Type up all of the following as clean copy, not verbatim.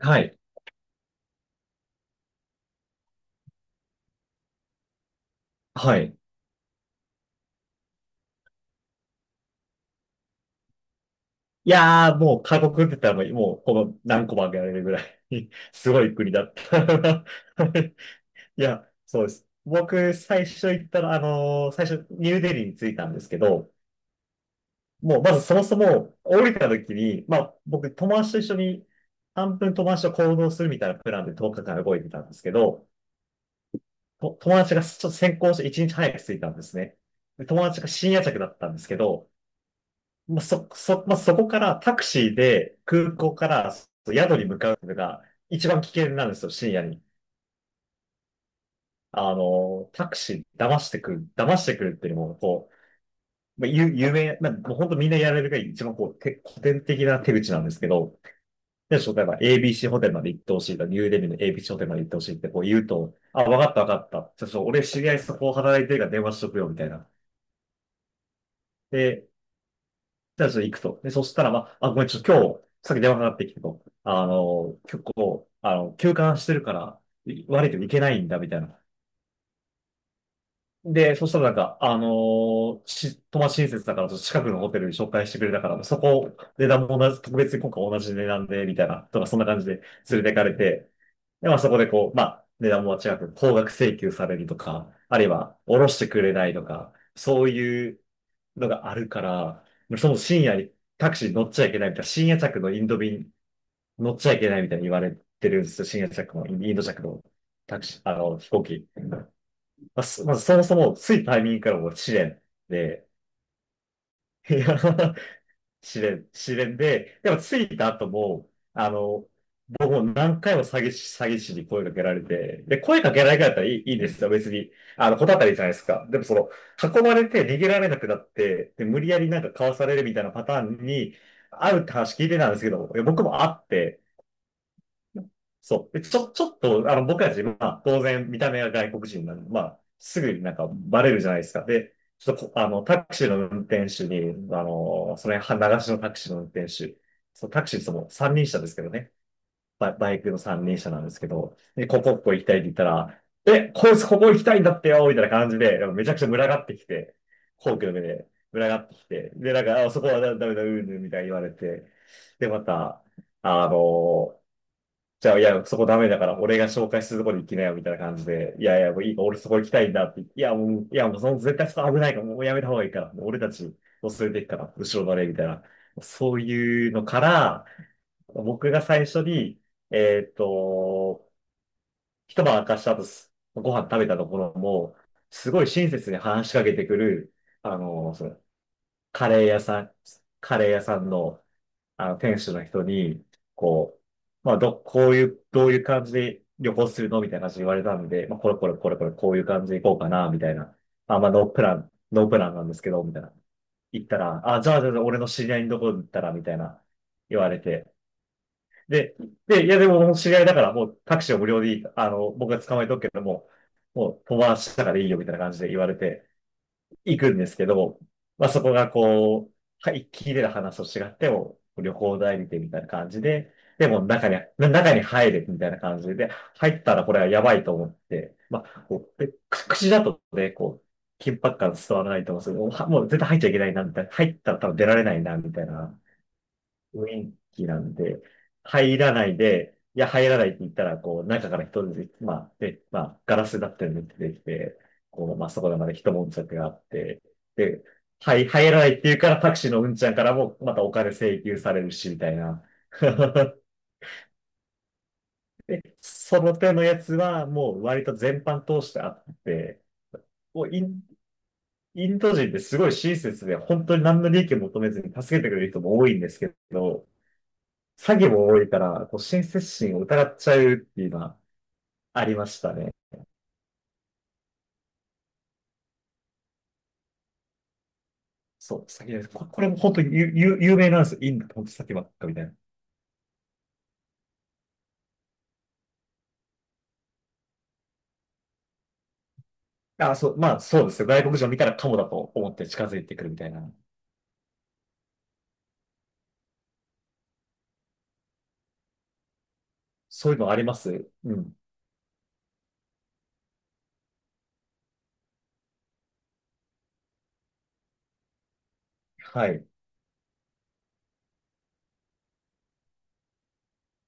はい。はい。もう過酷って言ったらもう、もうこの何個も挙げられるぐらい すごい国だった。 いや、そうです。僕、最初行ったら、最初、ニューデリーに着いたんですけど、もう、まずそもそも、降りた時に、まあ、僕、友達と一緒に、半分友達と行動するみたいなプランで10日間動いてたんですけど、と友達がちょっと先行して1日早く着いたんですね。で友達が深夜着だったんですけど、まあ、そこからタクシーで空港からそう宿に向かうのが一番危険なんですよ、深夜に。あの、タクシー騙してくる、騙してくるっていうのも、こう、まあ、有名、まあ、もう本当みんなやられるが一番こう、て古典的な手口なんですけど、で、例えば ABC ホテルまで行ってほしいとか、ニューデリーの ABC ホテルまで行ってほしいってこう言うと、あ、わかった。ちょっと俺知り合いそこ働いてるから電話しとくよ、みたいな。で、じゃあちょっと行くと。で、そしたら、まあ、あ、ごめん、ちょっと今日、さっき電話かかってきてと、あの、結構、あの、休館してるから、い悪いけど行けないんだ、みたいな。で、そしたらなんか、あのし、友達親切だから、ちょっと近くのホテルに紹介してくれたから、そこ、値段も同じ、特別に今回同じ値段で、みたいな、とか、そんな感じで連れてかれて、で、まあそこでこう、まあ値段も違く高額請求されるとか、あるいは下ろしてくれないとか、そういうのがあるから、その深夜にタクシー乗っちゃいけないみたいな、深夜着のインド便乗っちゃいけないみたいに言われてるんですよ。深夜着のインド着のタクシー、あの、飛行機。まあ、そまずそもそも、ついタイミングからもう試練で、いや試練、試練で、でも着いた後も、あの、僕も何回も詐欺師、詐欺師に声かけられて、で、声かけられなかったらいい、いいんですよ、別に。あの、こたたりじゃないですか。でもその、囲まれて逃げられなくなって、で、無理やりなんかかわされるみたいなパターンに、あうって話聞いてたんですけど、いや僕も会って、そう。で、ちょっと、あの、僕たち、まあ、当然、見た目が外国人なんで、まあ、すぐになんかバレるじゃないですか。で、ちょっとこ、あの、タクシーの運転手に、あの、それ、は流しのタクシーの運転手、そう、タクシーそのも三輪車ですけどね。バイクの三輪車なんですけど、で、ここ行きたいって言ったら、え、こいつここ行きたいんだってよみたいな感じで、めちゃくちゃ群がってきて、皇居の目で群がってきて、で、なんか、あ、そこはダメだ、うんぬんみたいに言われて、で、また、あのじゃあ、いや、そこダメだから、俺が紹介するとこに行きなよ、みたいな感じで、いやいや、もういいか、俺そこ行きたいんだって言って、いや、もう、いや、もうその絶対そこ危ないから、もうやめた方がいいから、もう俺たちを連れて行くから、後ろバレ、みたいな。そういうのから、僕が最初に、えっと、一晩明かした後、すご飯食べたところも、すごい親切に話しかけてくる、あの、その、カレー屋さん、カレー屋さんのあの、店主の人に、こう、まあ、ど、こういう、どういう感じで旅行するのみたいな感じで言われたんで、まあ、これこれこれこれ、こういう感じで行こうかな、みたいな。あ、まあ、ノープランなんですけど、みたいな。行ったら、あ、じゃあ俺の知り合いのところに行ったら、みたいな、言われて。で、で、いや、でも、もう知り合いだから、もうタクシーを無料でいい、あの、僕が捕まえとくけども、もう、友達だからいいよ、みたいな感じで言われて。行くんですけど、まあそこがこう、はい、聞いてた話と違っても、旅行代理店みたいな感じで、でも中に入れみたいな感じで、入ったらこれはやばいと思って、まあ、こう、でく口だとね、こう、緊迫感伝わらないと思うんですけど、はもう絶対入っちゃいけないな、みたいな。入ったら多分出られないな、みたいな雰囲気なんで、入らないで、いや、入らないって言ったら、こう、中から人で、まあ、で、まあ、ガラスだったりで出てきて、こう、まあ、そこでまで一悶着があって、で、はい、入らないって言うからタクシーのうんちゃんからも、またお金請求されるし、みたいな。で、その手のやつは、もう割と全般通してあって、もうイン、インド人ってすごい親切で、本当に何の利益を求めずに助けてくれる人も多いんですけど、詐欺も多いから、こう、親切心を疑っちゃうっていうのはありましたね。そう、詐欺です。ここれも本当に有有名なんですよ。インド本当詐欺ばっかみたいな。あ、そう、まあそうですよ。外国人を見たらカモだと思って近づいてくるみたいな。そういうのありますうん。はい。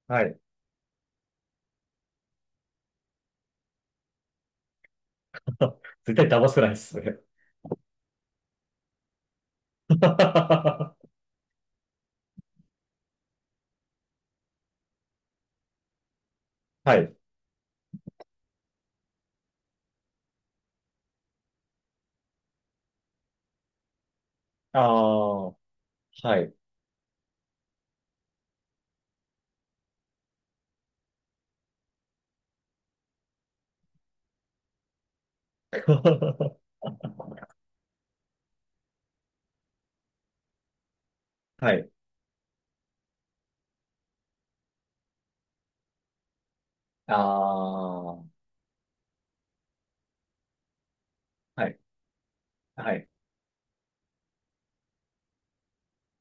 はい。絶対騙せないっすね。はい。ああ、はい。はい。ああ、はい。はい。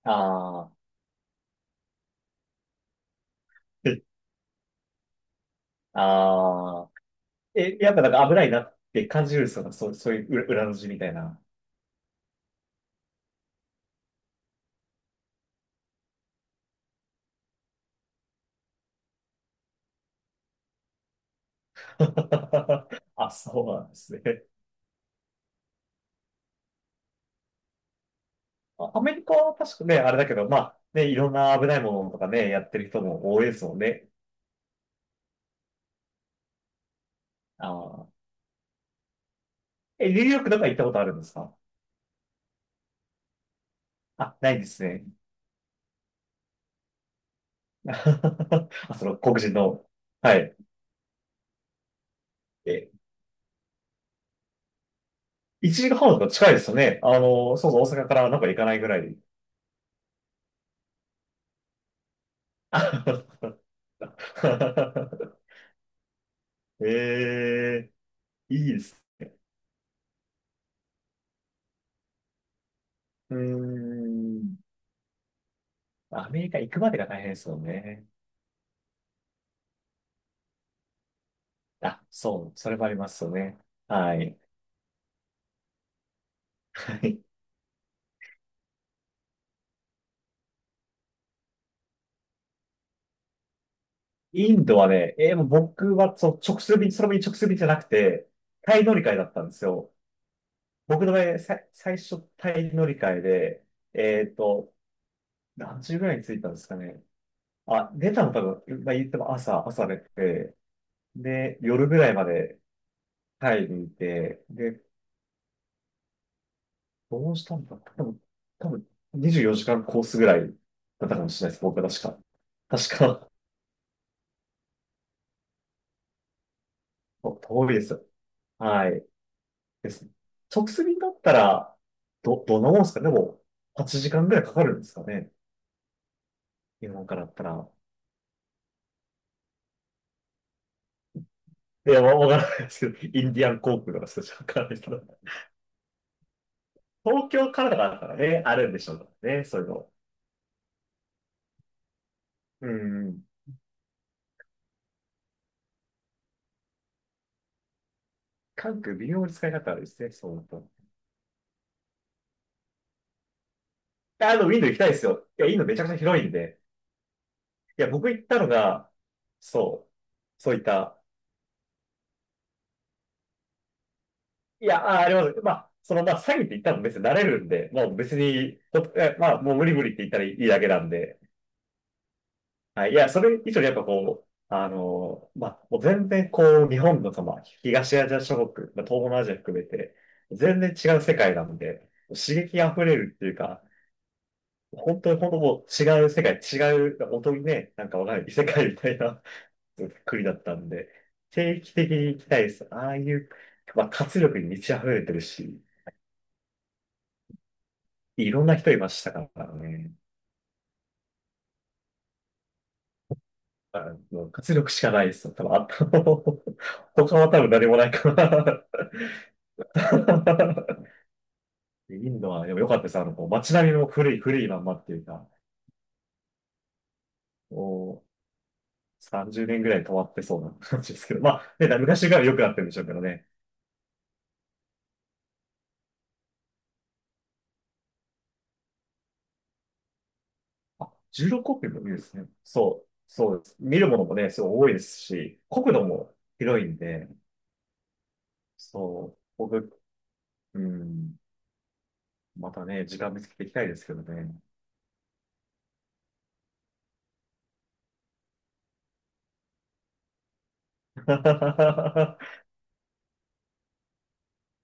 ああ、ああ。え、やっぱなんか危ないなって感じるんですよ。そう、そういう裏裏の字みたいな。あ、そうなんですね。あアメリカは確かね、あれだけど、まあ、ね、いろんな危ないものとかね、やってる人も多いですもんね。ああ。え、ニューヨークとか行ったことあるんですか？あ、ないですね。あ、その黒人の。はい。え、1時間半とか近いですよね。あの、そうそう、大阪からなんか行かないぐらい。ええ、いいです。うーん。アメリカ行くまでが大変ですよね。あ、そう、それもありますよね。はい。はい。インドはね、もう僕はそう直通便じゃなくて、タイ乗り換えだったんですよ。僕の場合、最初タイ乗り換えで、えっと、何時ぐらいに着いたんですかね。あ、出たの多分、まあ、言っても朝出て、で、夜ぐらいまでタイにいて、で、どうしたんだ多分、多分24時間コースぐらいだったかもしれないです。僕は確か。確かお遠いです。はい。です。直通便だったら、ど、どんなもんですかね。でも、8時間ぐらいかかるんですかね。日本からだったら。いや、わわからないですけど、インディアン航空とかそういうのわからないけど、東京からだからね、あるんでしょうからね、そういうの。うん。関空微妙に使い方あるですね、そうなると。あの、ウィンドウ行きたいですよ。いや、インドめちゃくちゃ広いんで。いや、僕行ったのが、そう、そういったいや、あ、あります。まあ、その、まあ、詐欺って言ったら別に慣れるんで、もう別に、ほえまあ、もう無理無理って言ったらいいだけなんで、はい。いや、それ以上にやっぱこう、あの、まあ、もう全然こう、日本のその、東アジア諸国、まあ、東南アジア含めて、全然違う世界なんで、刺激あふれるっていうか、本当に本当もう違う、本当にね、なんかわかんない異世界みたいな 国だったんで、定期的に行きたいです。ああいう、まあ、活力に満ち溢れてるし、いろんな人いましたからね。あの、活力しかないですよ。多分、あと 他は多分何もないから。インドは、でも良かったです。あの、こう街並みも古い、古いまんまっていうか、もう30年ぐらい止まってそうな 感じですけど、まあ、ね、昔から良くなってるんでしょうけどね。あ、16国もいいですね。そう、そうです。見るものもね、すごい多いですし、国土も広いんで、そう、僕、うん、またね、時間見つけていきたいですけどね。